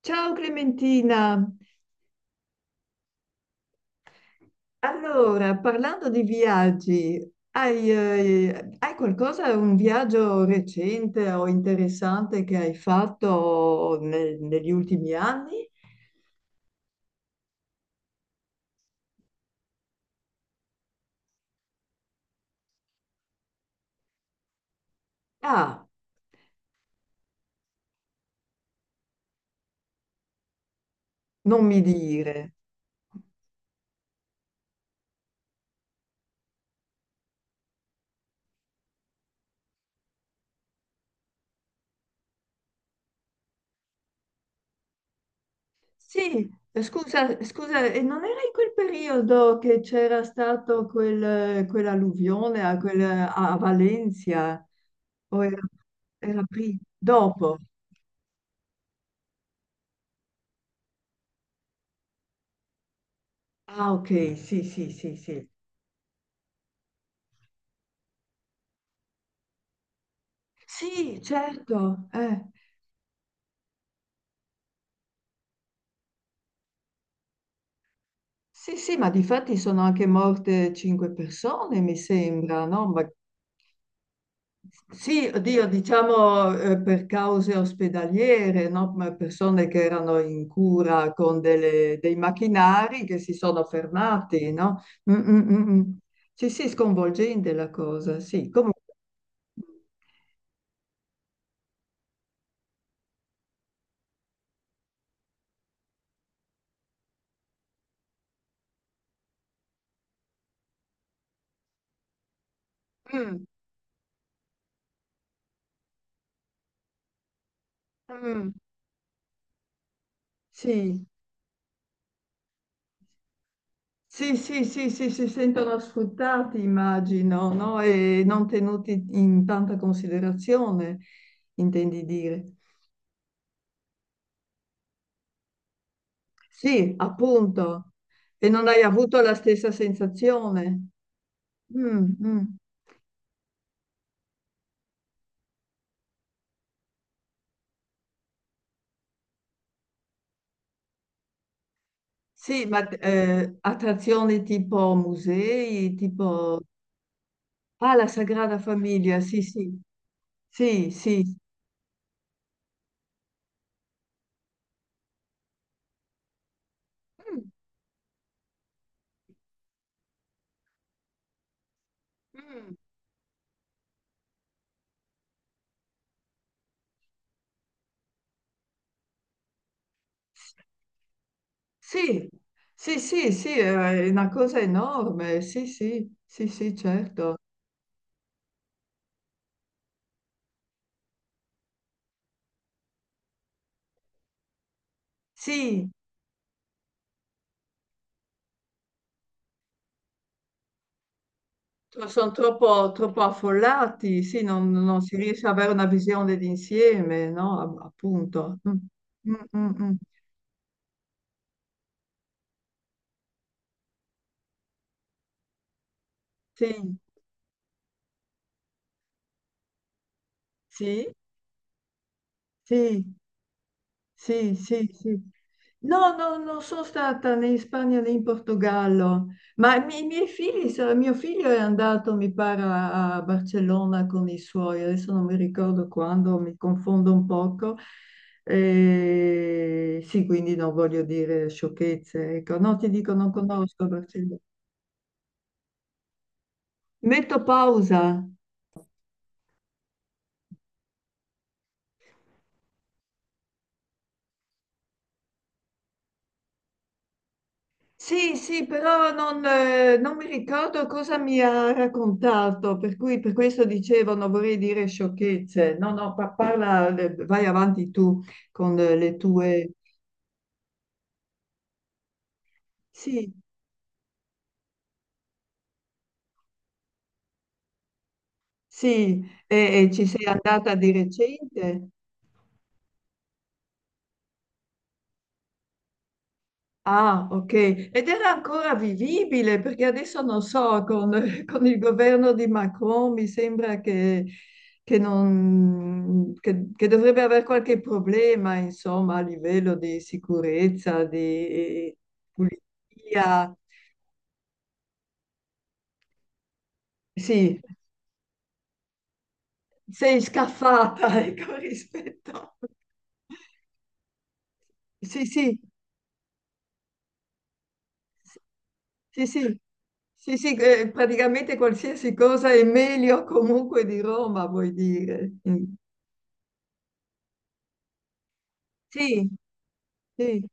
Ciao Clementina, allora parlando di viaggi, hai qualcosa, un viaggio recente o interessante che hai fatto negli ultimi anni? Ah, non mi dire. Sì, scusa, e non era in quel periodo che c'era stato quell'alluvione a Valencia? O era, era prima? Dopo? Ah, ok, sì, sì, sì, sì. Sì, certo. Sì, sì, ma difatti sono anche morte cinque persone, mi sembra, no? Sì, oddio, diciamo per cause ospedaliere, no? Ma persone che erano in cura con dei macchinari che si sono fermati, no? Mm, mm, mm, mm. Sì, sì, sconvolgente la cosa, sì. Comunque. Mm, mm, sì. Sì, sì, sì, sì, si sentono sfruttati, immagino, no? E non tenuti in tanta considerazione, intendi dire. Sì, appunto. E non hai avuto la stessa sensazione. Mm, mm. Sì, ma attrazioni tipo musei, tipo... Ah, la Sagrada Famiglia, sì, sì, sì, sì. Mm, mm. Sì, sì, sì, sì, è una cosa enorme, sì, sì, sì, sì, certo. Sì, sono troppo, troppo affollati, sì, non si riesce ad avere una visione d'insieme, no? Appunto. Mm, mm, mm, mm. Sì, sì, sì, sì, sì, sì. No, no, non sono stata né in Spagna né in Portogallo, ma i miei figli, mio figlio è andato, mi pare, a a Barcellona con i suoi, adesso non mi ricordo quando, mi confondo un poco. E sì, quindi non voglio dire sciocchezze, ecco, no, ti dico, non conosco Barcellona. Metto pausa. Sì, sì, però non, non mi ricordo cosa mi ha raccontato, per cui per questo dicevo non vorrei dire sciocchezze. No, no, parla, vai avanti tu con le tue... Sì, sì, e ci sei andata di recente? Ah, ok. Ed era ancora vivibile perché adesso non so, con, con il governo di Macron mi sembra che che dovrebbe avere qualche problema, insomma, a livello di sicurezza, di pulizia. Sì, sei scaffata, ecco, rispetto. Sì, sì, sì, sì, sì, sì, praticamente qualsiasi cosa è meglio comunque di Roma, vuoi dire. Mm. Sì, sì.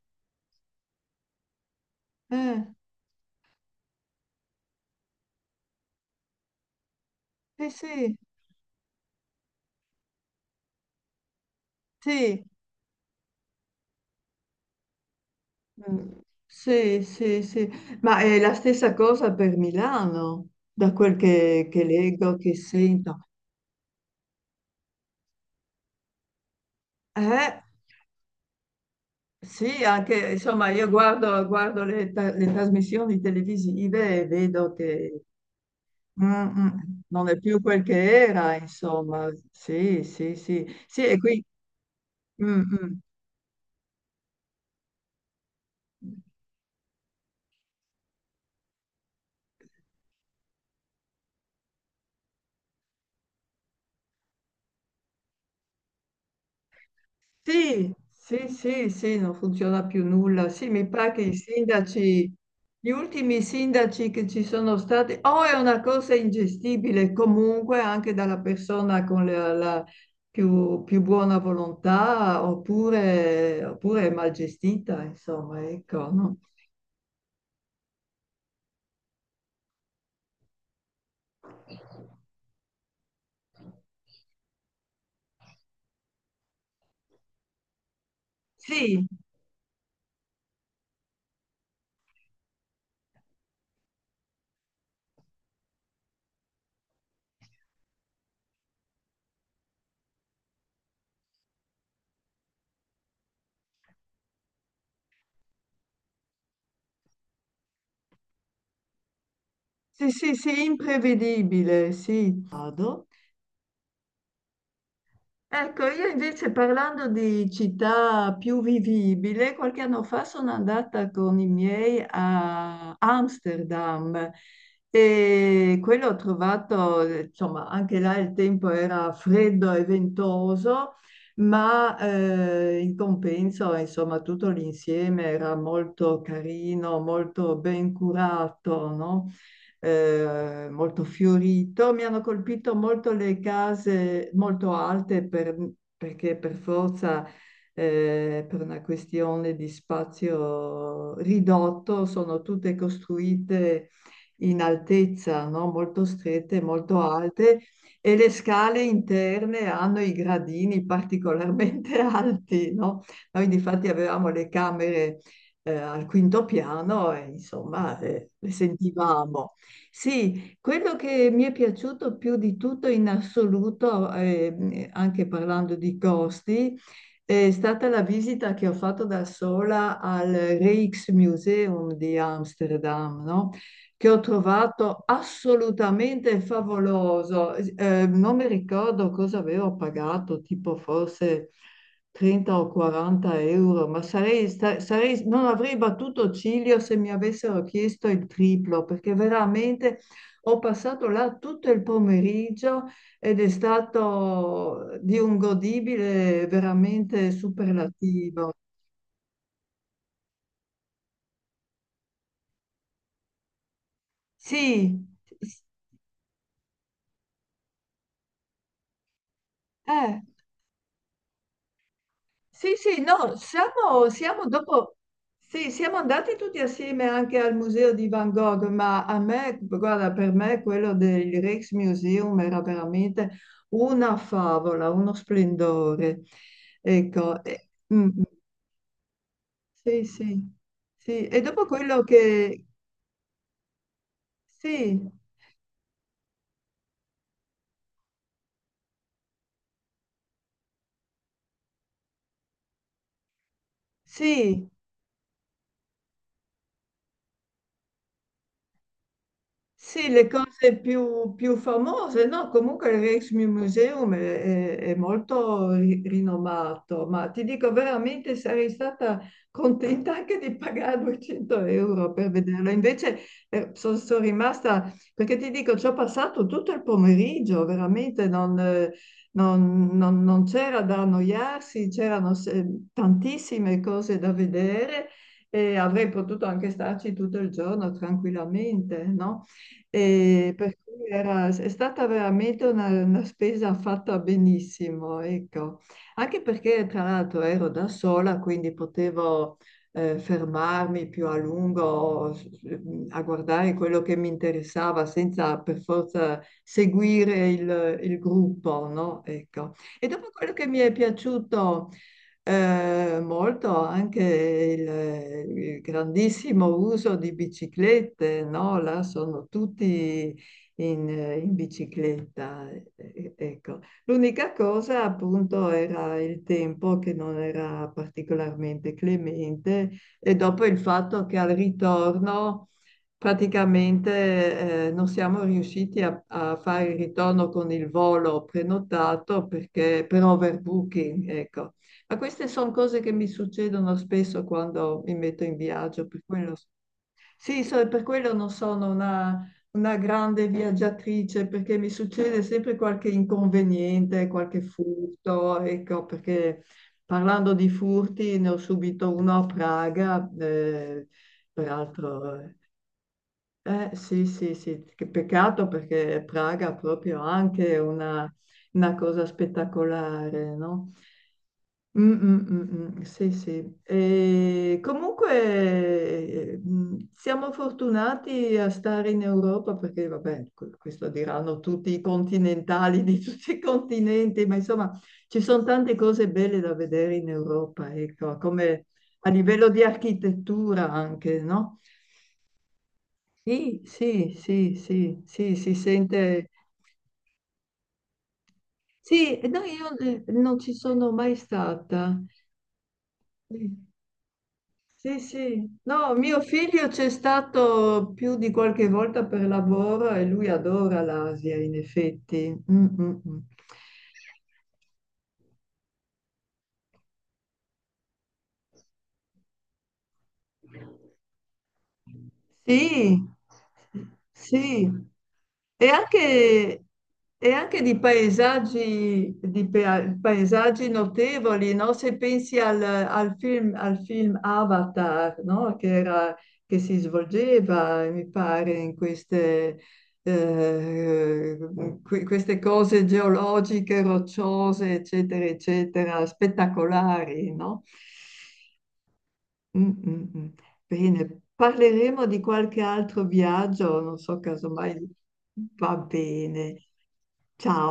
Eh. Sì, sì, sì, Mm. sì, sì, sì. Ma è la stessa cosa per Milano, da che leggo, che sento. Eh, sì, anche, insomma, io guardo le trasmissioni televisive e vedo che mm, mm, non è più quel che era, insomma. Sì, sì, sì. Sì, e qui... mm, mm. Sì, sì, sì, sì, non funziona più nulla. Sì, mi pare che gli ultimi sindaci che ci sono stati, o è una cosa ingestibile comunque anche dalla persona con la più buona volontà, oppure, oppure è mal gestita, insomma, ecco, no? Sì, sì, sì, sì, imprevedibile, sì. Vado. Ecco, io invece parlando di città più vivibile, qualche anno fa sono andata con i miei a Amsterdam e quello ho trovato, insomma, anche là il tempo era freddo e ventoso, ma in compenso, insomma, tutto l'insieme era molto carino, molto ben curato, no? Molto fiorito. Mi hanno colpito molto le case molto alte perché per forza, per una questione di spazio ridotto, sono tutte costruite in altezza, no? Molto strette, molto alte e le scale interne hanno i gradini particolarmente alti, no? Noi difatti avevamo le camere al quinto piano e insomma le sentivamo. Sì, quello che mi è piaciuto più di tutto in assoluto, anche parlando di costi, è stata la visita che ho fatto da sola al Rijksmuseum di Amsterdam, no? Che ho trovato assolutamente favoloso. Non mi ricordo cosa avevo pagato, tipo forse 30 o 40 euro, ma non avrei battuto ciglio se mi avessero chiesto il triplo, perché veramente ho passato là tutto il pomeriggio ed è stato di un godibile veramente superlativo. Sì, s- eh. Sì, sì, no, siamo dopo, sì, siamo andati tutti assieme anche al museo di Van Gogh, ma a me, guarda, per me quello del Rijksmuseum era veramente una favola, uno splendore. Ecco, mm, mm, sì, sì, sì, e dopo quello che, sì, sì. Sì, le cose più, più famose, no? Comunque il Rijksmuseum è molto rinomato, ma ti dico veramente sarei stata contenta anche di pagare 200 euro per vederlo. Invece sono rimasta, perché ti dico, ci ho passato tutto il pomeriggio, veramente non c'era da annoiarsi, c'erano se- tantissime cose da vedere e avrei potuto anche starci tutto il giorno tranquillamente, no? E per cui è stata veramente una spesa fatta benissimo, ecco. Anche perché tra l'altro ero da sola, quindi potevo fermarmi più a lungo a guardare quello che mi interessava senza per forza seguire il gruppo, no? Ecco. E dopo quello che mi è piaciuto molto anche il grandissimo uso di biciclette, no? Là sono tutti in bicicletta. Ecco. L'unica cosa appunto era il tempo che non era particolarmente clemente e dopo il fatto che al ritorno praticamente non siamo riusciti a fare il ritorno con il volo prenotato perché, per overbooking, ecco. Ma queste sono cose che mi succedono spesso quando mi metto in viaggio, per quello, sì, per quello non sono una grande viaggiatrice perché mi succede sempre qualche inconveniente, qualche furto, ecco, perché parlando di furti ne ho subito uno a Praga, peraltro... eh, sì, sì, sì, che peccato perché Praga ha proprio anche una cosa spettacolare, no? Mm, mm, mm, mm, sì, sì. E comunque mm, siamo fortunati a stare in Europa perché, vabbè, questo diranno tutti i continentali di tutti i continenti, ma insomma ci sono tante cose belle da vedere in Europa, ecco, come a livello di architettura anche, no? Sì, sì, sì, sì, sì, si sente. Sì, e no, io non ci sono mai stata. Sì, sì, sì. No, mio figlio c'è stato più di qualche volta per lavoro e lui adora l'Asia, in effetti. Mm, mm, mm. Sì, sì. E anche, e anche di paesaggi, di paesaggi notevoli, no? Se pensi al film Avatar, no? Che si svolgeva, mi pare, in queste, eh, queste cose geologiche, rocciose, eccetera, eccetera, spettacolari, no? Mm, mm, mm. Bene, parleremo di qualche altro viaggio, non so, casomai va bene. Ciao.